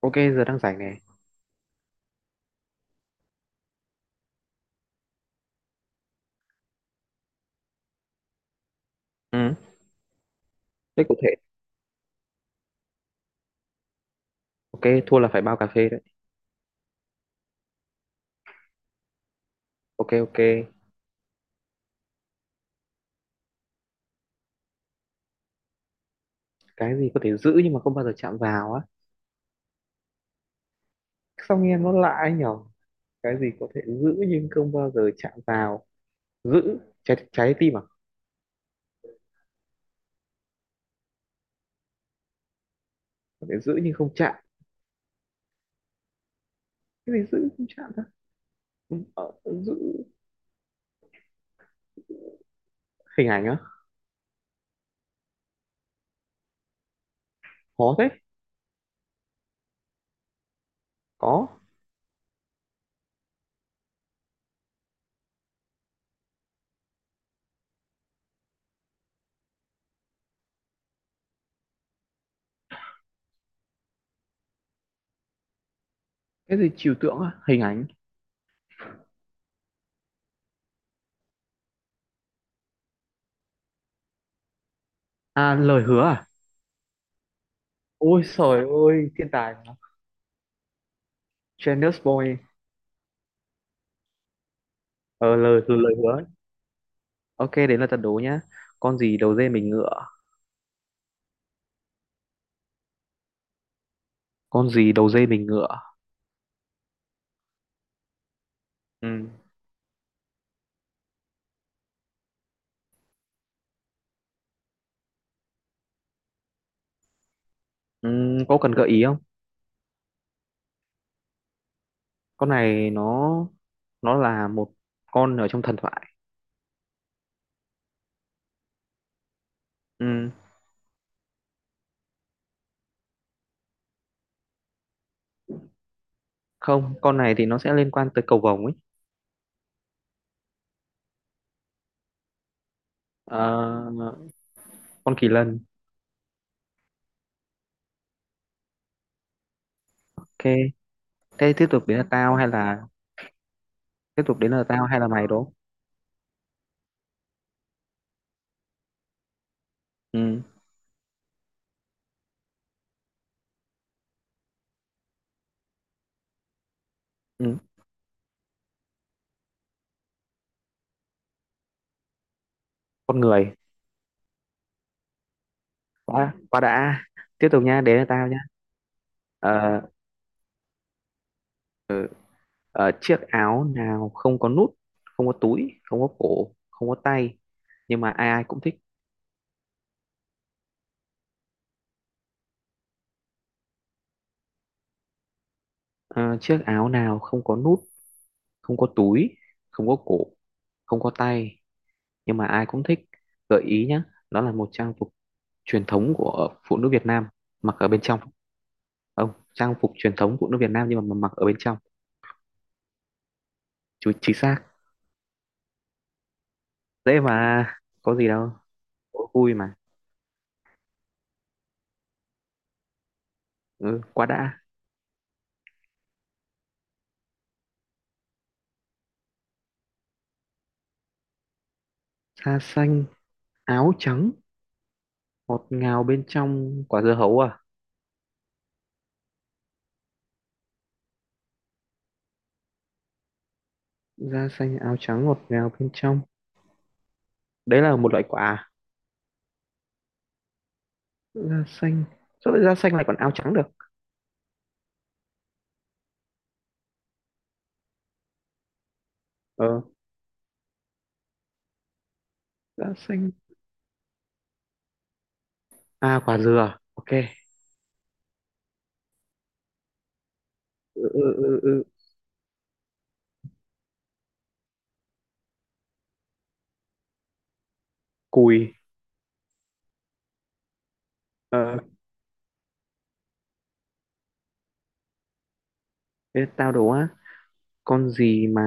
Ok, giờ đang rảnh này. Ừ. Thế cụ thể. Ok, thua là phải bao cà phê đấy. Ok ok. Cái gì có thể giữ nhưng mà không bao giờ chạm vào á. Sao nghe nó lạ ấy nhở? Cái gì có thể giữ nhưng không bao giờ chạm vào. Giữ trái trái tim à? Có thể giữ nhưng không chạm. Cái gì giữ không chạm ta? Ừ, giữ hình ảnh á? Khó thế. Có. Cái gì trừu tượng á? Hình ảnh. À, lời hứa à? Ôi trời ơi, thiên tài mà. Genius boy. Ờ lời lời hứa. Ok, đến là trận đố nhá. Con gì đầu dê mình ngựa? Con gì đầu dê mình ngựa. Ừ. Ừ, có cần gợi ý không? Con này nó là một con ở trong thần thoại. Ừ. Không, con này thì nó sẽ liên quan tới cầu vồng ấy. Ờ, con kỳ lân. Ok, thế tiếp tục đến là tao hay là mày đúng không? Ừ. Ừ. Con người. Quá quá đã. Tiếp tục nha, đến là tao nha. Ờ, ờ, chiếc áo nào không có nút, không có túi, không có cổ, không có tay nhưng mà ai ai cũng thích. Ờ, chiếc áo nào không có nút, không có túi, không có cổ, không có tay nhưng mà ai cũng thích. Gợi ý nhé, đó là một trang phục truyền thống của phụ nữ Việt Nam, mặc ở bên trong. Không, trang phục truyền thống phụ nữ Việt Nam nhưng mà mặc ở bên trong. Chú, chính xác. Dễ mà, có gì đâu. Đố vui mà. Ừ, quá đã. Da xanh, áo trắng, ngọt ngào bên trong, quả dưa hấu à? Da xanh, áo trắng, ngọt ngào bên trong. Đấy là một loại quả à? Da xanh. Sao lại da xanh lại còn áo trắng được? Ờ, da xanh. À, quả dừa, ok. Ừ, ừ, ừ, ừ. Cùi. Ờ, thế tao đố á, con gì mà...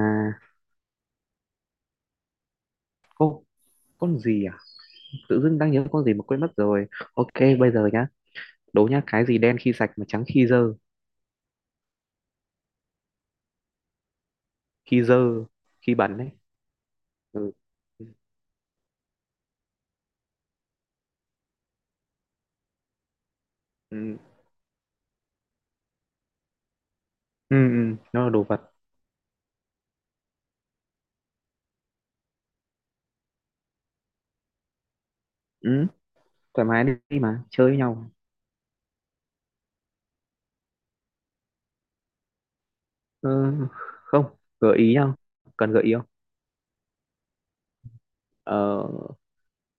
Ô, con gì à? Tự dưng đang nhớ con gì mà quên mất rồi. Ok, bây giờ nhá. Đố nhá, cái gì đen khi sạch mà trắng khi dơ. Khi dơ, khi bẩn đấy. Ừ. Ừ, ừ, ừ, ừ, nó là đồ vật. Ừ, thoải mái đi mà, chơi với nhau. Ừ, không, gợi ý nhau. Cần gợi ý không? Ờ,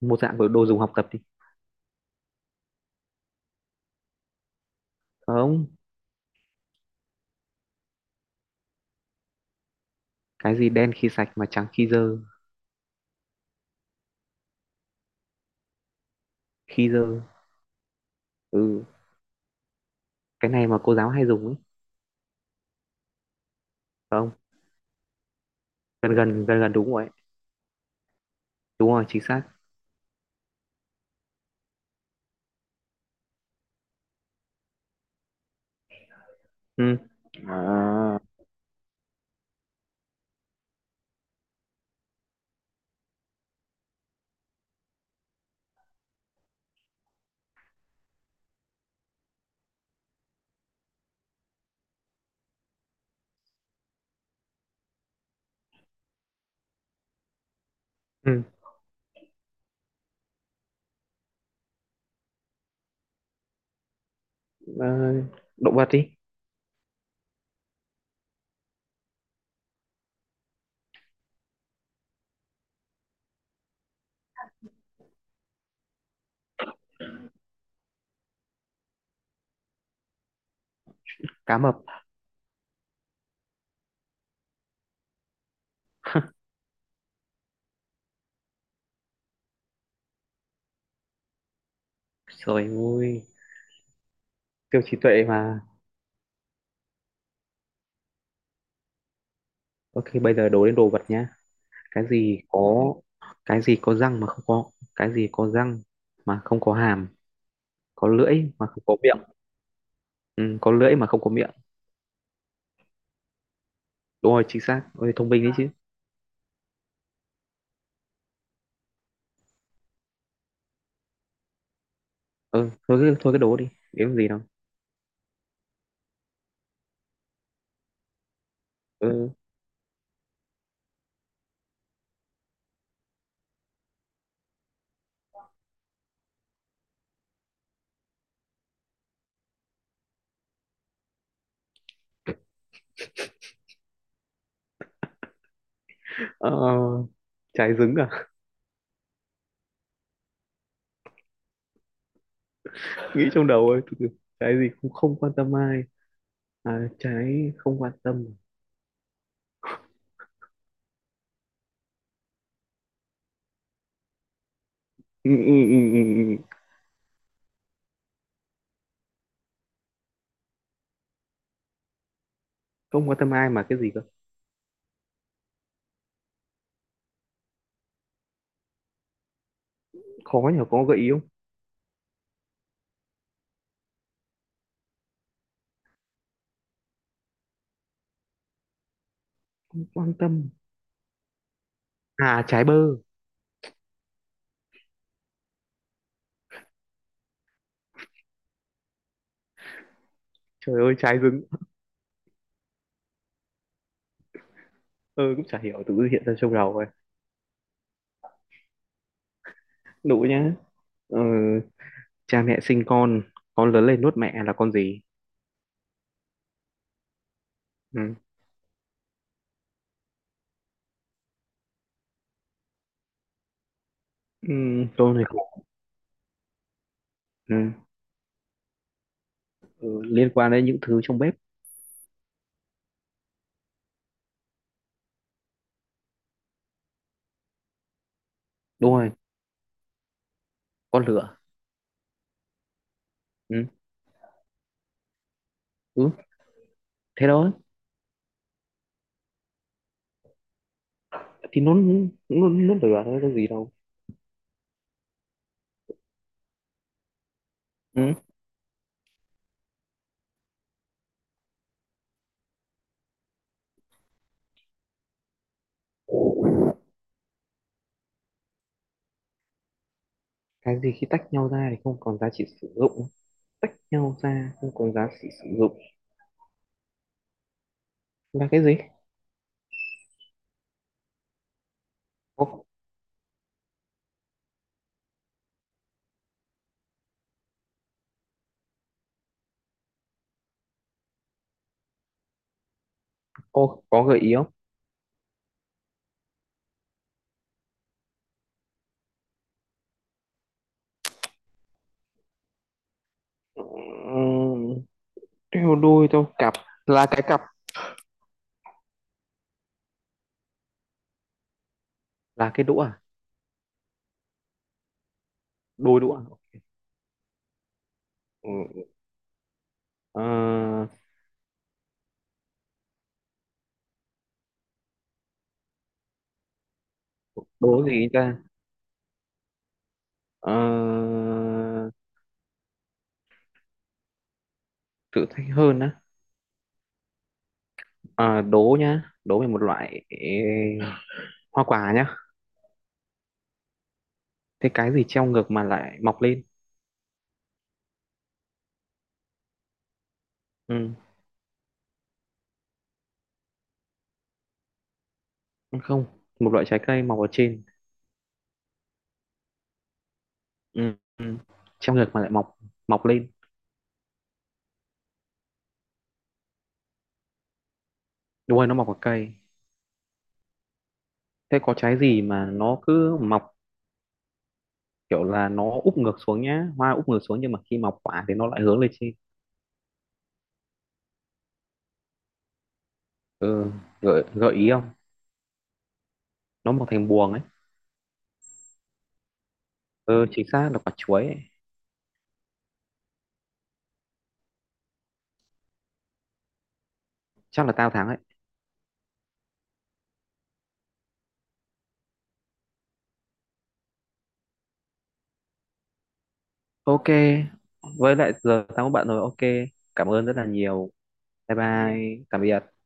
một dạng của đồ dùng học tập đi. Không, cái gì đen khi sạch mà trắng khi dơ. Khi dơ, ừ. Cái này mà cô giáo hay dùng ấy phải không? Gần gần gần gần đúng rồi ấy. Đúng rồi, chính xác. Ừ. À. Ừ. ờ, Động vật đi. Cá mập. Rồi, ôi siêu trí tuệ mà. Ok, bây giờ đố đến đồ vật nhá. cái gì có cái gì có răng mà không có cái gì có răng mà không có hàm, có lưỡi mà không có miệng. Ừ, có lưỡi mà không có miệng. Đúng rồi, chính xác, ôi thông minh đấy chứ. Ừ, thôi cứ đố đi, kiếm gì đâu. Ừ. ờ, Trái trứng à? Nghĩ trong đầu ơi, từ từ. Cái gì cũng không quan tâm ai. À, trái không quan tâm. Ừ, ừ, ừ, ừ, ừ. Không quan tâm ai mà cái gì cơ? Khó nhỉ, có gợi ý không? Không quan tâm. À, trái bơ. Trời ơi, trái dứng. Ừ, cũng chả hiểu, tự hiện ra trong đầu rồi. Đủ nhá. Ừ, cha mẹ sinh con lớn lên nuốt mẹ là con gì. Ừ. Ừ, câu này khổ. Ừ. Ừ, liên quan đến những thứ trong bếp. Đúng rồi, con lửa. Ừ. Ừ. Thế đó. Thì nó lửa thôi, có gì đâu. Ừ. Cái gì khi tách nhau ra thì không còn giá trị sử dụng. Nhau ra không có giá trị sử dụng là cái gì? Có. Có gợi ý không? Ừm, theo đôi theo cặp. Là cái cặp. Là cái đũa à? Đôi đũa à? Ừ, ờ, đố gì ta. Ờ, thử thách hơn á. À, đố nhá, đố về một loại hoa quả nhá. Thế cái gì treo ngược mà lại mọc lên? Ừ. Không, một loại trái cây mọc ở trên. Ừ. Ừ. Treo ngược mà lại mọc, mọc lên. Đúng rồi, nó mọc ở cây. Thế có trái gì mà nó cứ mọc kiểu là nó úp ngược xuống nhá, hoa úp ngược xuống nhưng mà khi mọc quả thì nó lại hướng lên trên. Ừ, gợi gợi ý không? Nó mọc thành buồng ấy. Ừ, chính xác là quả chuối ấy. Chắc là tao thắng ấy. Ok, với lại giờ tao có bạn rồi. Ok, cảm ơn rất là nhiều. Bye bye, tạm biệt.